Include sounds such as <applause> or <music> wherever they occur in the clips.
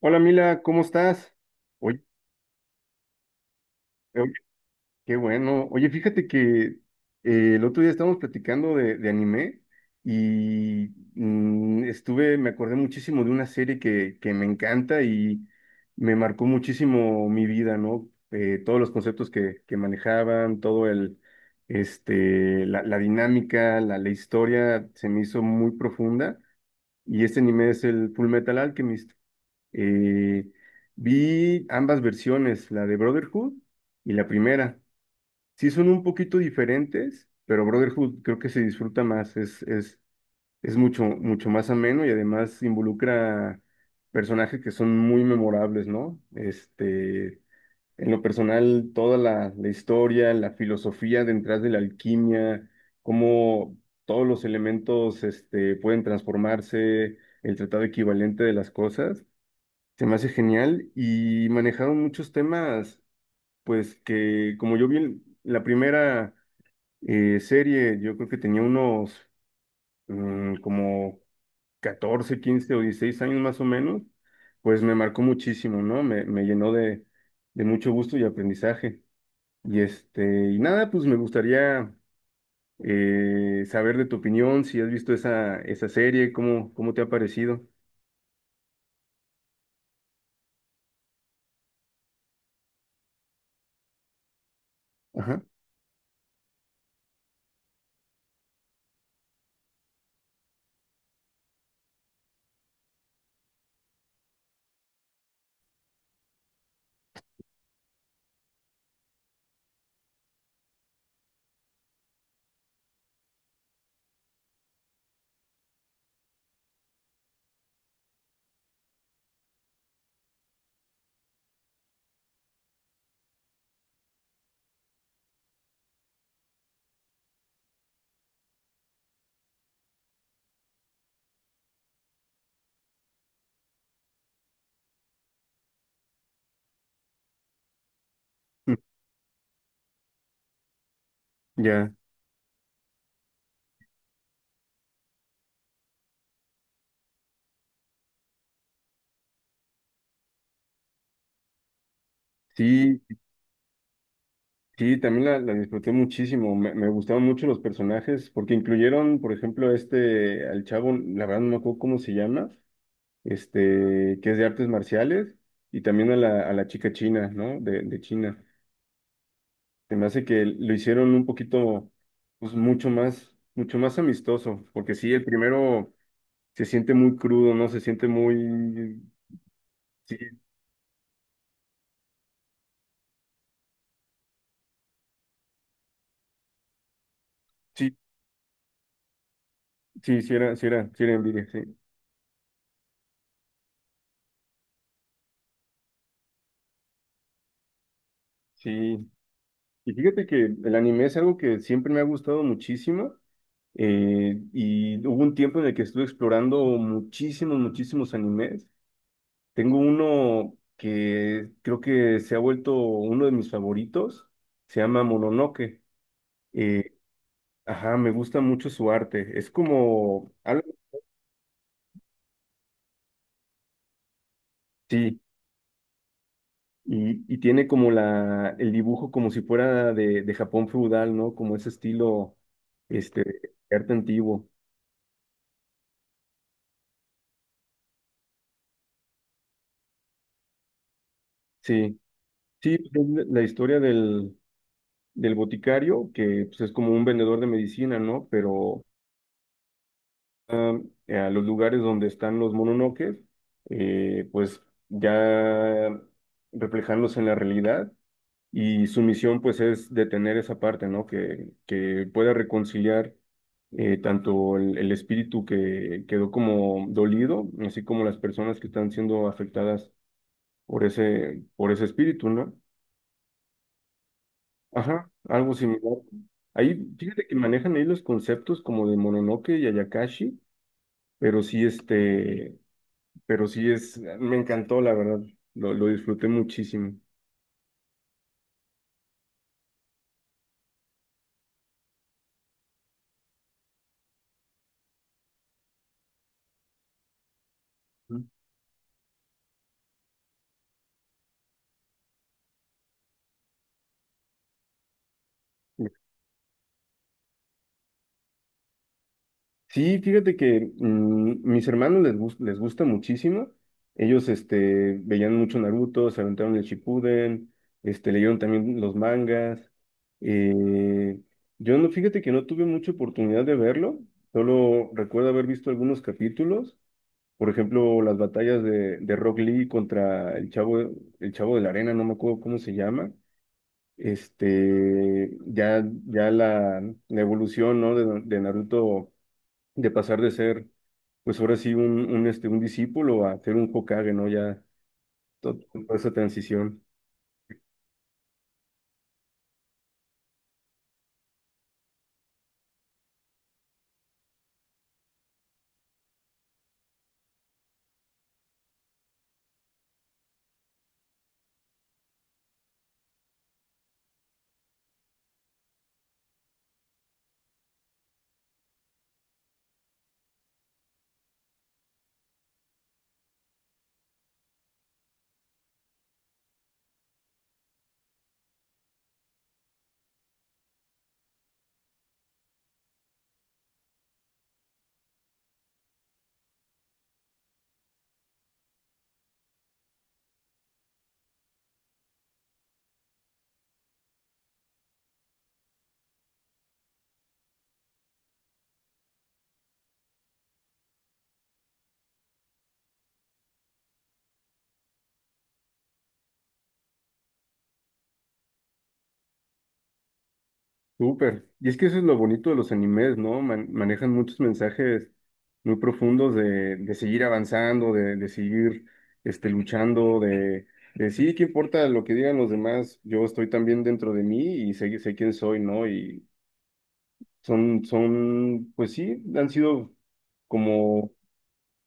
Hola Mila, ¿cómo estás? Oye, oye, qué bueno. Oye, fíjate que el otro día estábamos platicando de anime y estuve, me acordé muchísimo de una serie que me encanta y me marcó muchísimo mi vida, ¿no? Todos los conceptos que manejaban, todo el, la dinámica, la historia se me hizo muy profunda y este anime es el Full Metal Alchemist. Eh, vi ambas versiones, la de Brotherhood y la primera. Sí son un poquito diferentes, pero Brotherhood creo que se disfruta más, es mucho más ameno y además involucra personajes que son muy memorables, ¿no? Este, en lo personal, toda la historia, la filosofía detrás de la alquimia, cómo todos los elementos pueden transformarse, el tratado equivalente de las cosas. Se me hace genial y manejaron muchos temas, pues que como yo vi en la primera serie, yo creo que tenía unos como 14, 15 o 16 años más o menos. Pues me marcó muchísimo, ¿no? Me llenó de mucho gusto y aprendizaje. Y nada, pues me gustaría saber de tu opinión, si has visto esa serie, cómo te ha parecido. Ajá. <laughs> Ya, sí, sí, también la disfruté muchísimo. Me gustaron mucho los personajes porque incluyeron, por ejemplo, al chavo, la verdad no me acuerdo cómo se llama, que es de artes marciales, y también a la chica china, ¿no? De China. Se me hace que lo hicieron un poquito, pues mucho más amistoso, porque sí, el primero se siente muy crudo, ¿no? Se siente muy. Sí, sí, sí, sí era envidia, sí. Sí. Y fíjate que el anime es algo que siempre me ha gustado muchísimo. Y hubo un tiempo en el que estuve explorando muchísimos animes. Tengo uno que creo que se ha vuelto uno de mis favoritos. Se llama Mononoke. Eh, ajá, me gusta mucho su arte. Es como algo. Sí, y tiene como el dibujo como si fuera de Japón feudal, ¿no? Como ese estilo, este, arte antiguo. Sí, sí, es la historia del boticario, que pues, es como un vendedor de medicina, ¿no? Pero am, a los lugares donde están los mononoques, pues ya reflejarlos en la realidad, y su misión pues es detener esa parte, ¿no? Que pueda reconciliar tanto el espíritu que quedó como dolido, así como las personas que están siendo afectadas por ese espíritu, ¿no? Ajá, algo similar. Ahí, fíjate que manejan ahí los conceptos como de Mononoke y Ayakashi, pero sí, este, pero sí es, me encantó, la verdad, lo disfruté muchísimo. Ujú. Sí, fíjate que mis hermanos les gusta muchísimo. Ellos veían mucho Naruto, se aventaron el Shippuden, leyeron también los mangas. Eh, yo no, fíjate que no tuve mucha oportunidad de verlo. Solo recuerdo haber visto algunos capítulos. Por ejemplo, las batallas de Rock Lee contra el Chavo de la Arena, no me acuerdo cómo se llama. Ya la evolución, ¿no? De Naruto, de pasar de ser, pues ahora sí, un discípulo a ser un Hokage, ¿no? Ya to- toda esa transición. Súper. Y es que eso es lo bonito de los animes, ¿no? Manejan muchos mensajes muy profundos de seguir avanzando, de seguir luchando, de sí, qué importa lo que digan los demás, yo estoy también dentro de mí y sé quién soy, ¿no? Y pues sí, han sido como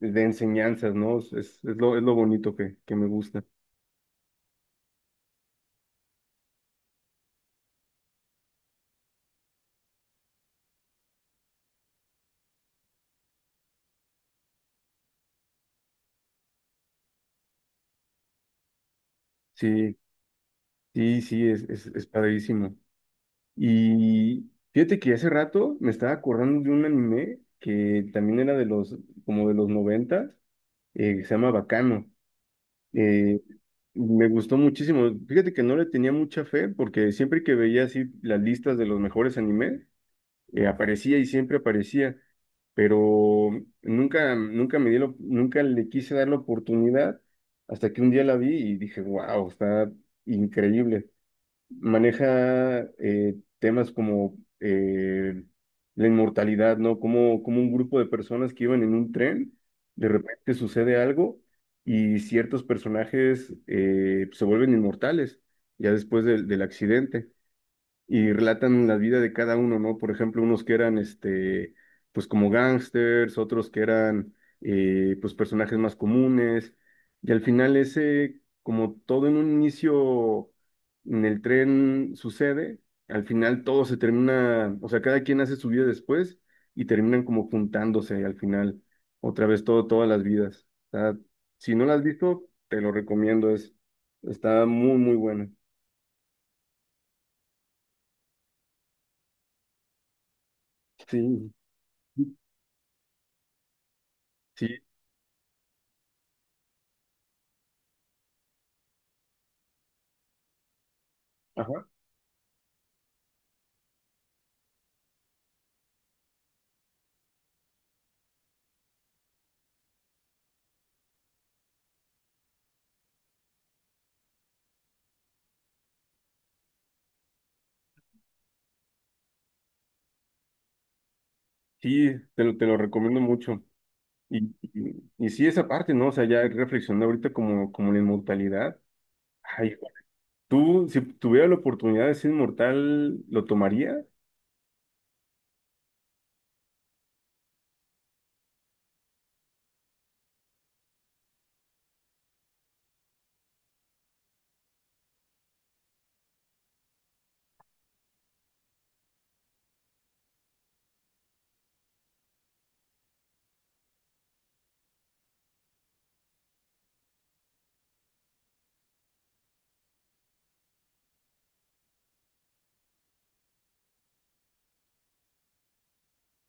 de enseñanzas, ¿no? Es lo bonito que me gusta. Sí, sí, sí, es padrísimo. Y fíjate que hace rato me estaba acordando de un anime que también era como de los noventas que se llama Bacano. Eh, me gustó muchísimo. Fíjate que no le tenía mucha fe porque siempre que veía así las listas de los mejores animes, aparecía y siempre aparecía, pero nunca, nunca le quise dar la oportunidad hasta que un día la vi y dije, wow, está increíble. Maneja temas como la inmortalidad, ¿no? Como un grupo de personas que iban en un tren, de repente sucede algo y ciertos personajes se vuelven inmortales ya después del accidente, y relatan la vida de cada uno, ¿no? Por ejemplo, unos que eran, pues como gángsters, otros que eran, pues personajes más comunes, y al final ese, como todo en un inicio en el tren sucede, al final todo se termina, o sea, cada quien hace su vida después y terminan como juntándose al final, otra vez todas las vidas. O sea, si no la has visto, te lo recomiendo. Está muy, muy buena. Sí, sí, ajá. Sí, te lo recomiendo mucho. Y sí, esa parte, ¿no? O sea, ya reflexionando ahorita como la inmortalidad. Ay, tú, si tuviera la oportunidad de ser inmortal, ¿lo tomaría?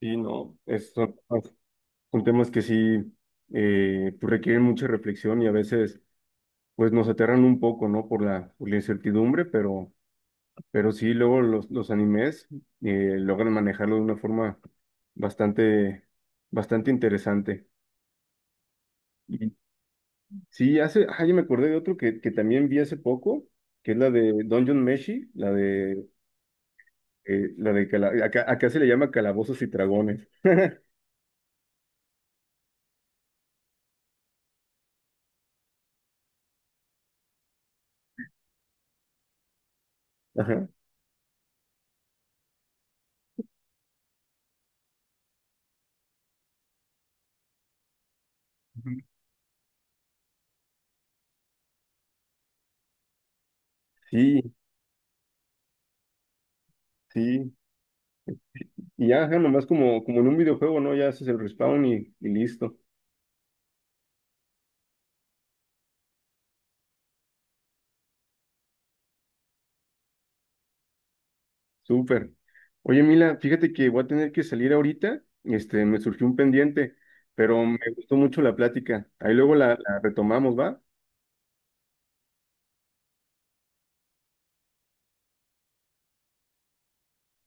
Sí, no. Son temas que sí pues requieren mucha reflexión, y a veces pues nos aterran un poco, ¿no? Por la incertidumbre, pero sí, luego los animes logran manejarlo de una forma bastante, bastante interesante. Sí, ya me acordé de otro que también vi hace poco, que es la de Dungeon Meshi, acá, se le llama Calabozos y Dragones. Ajá. Ujú. Sí, sí. Y ya, ajá, nomás como en un videojuego, ¿no? Ya haces el respawn y listo. Súper. Oye, Mila, fíjate que voy a tener que salir ahorita. Me surgió un pendiente, pero me gustó mucho la plática. Ahí luego la retomamos, ¿va?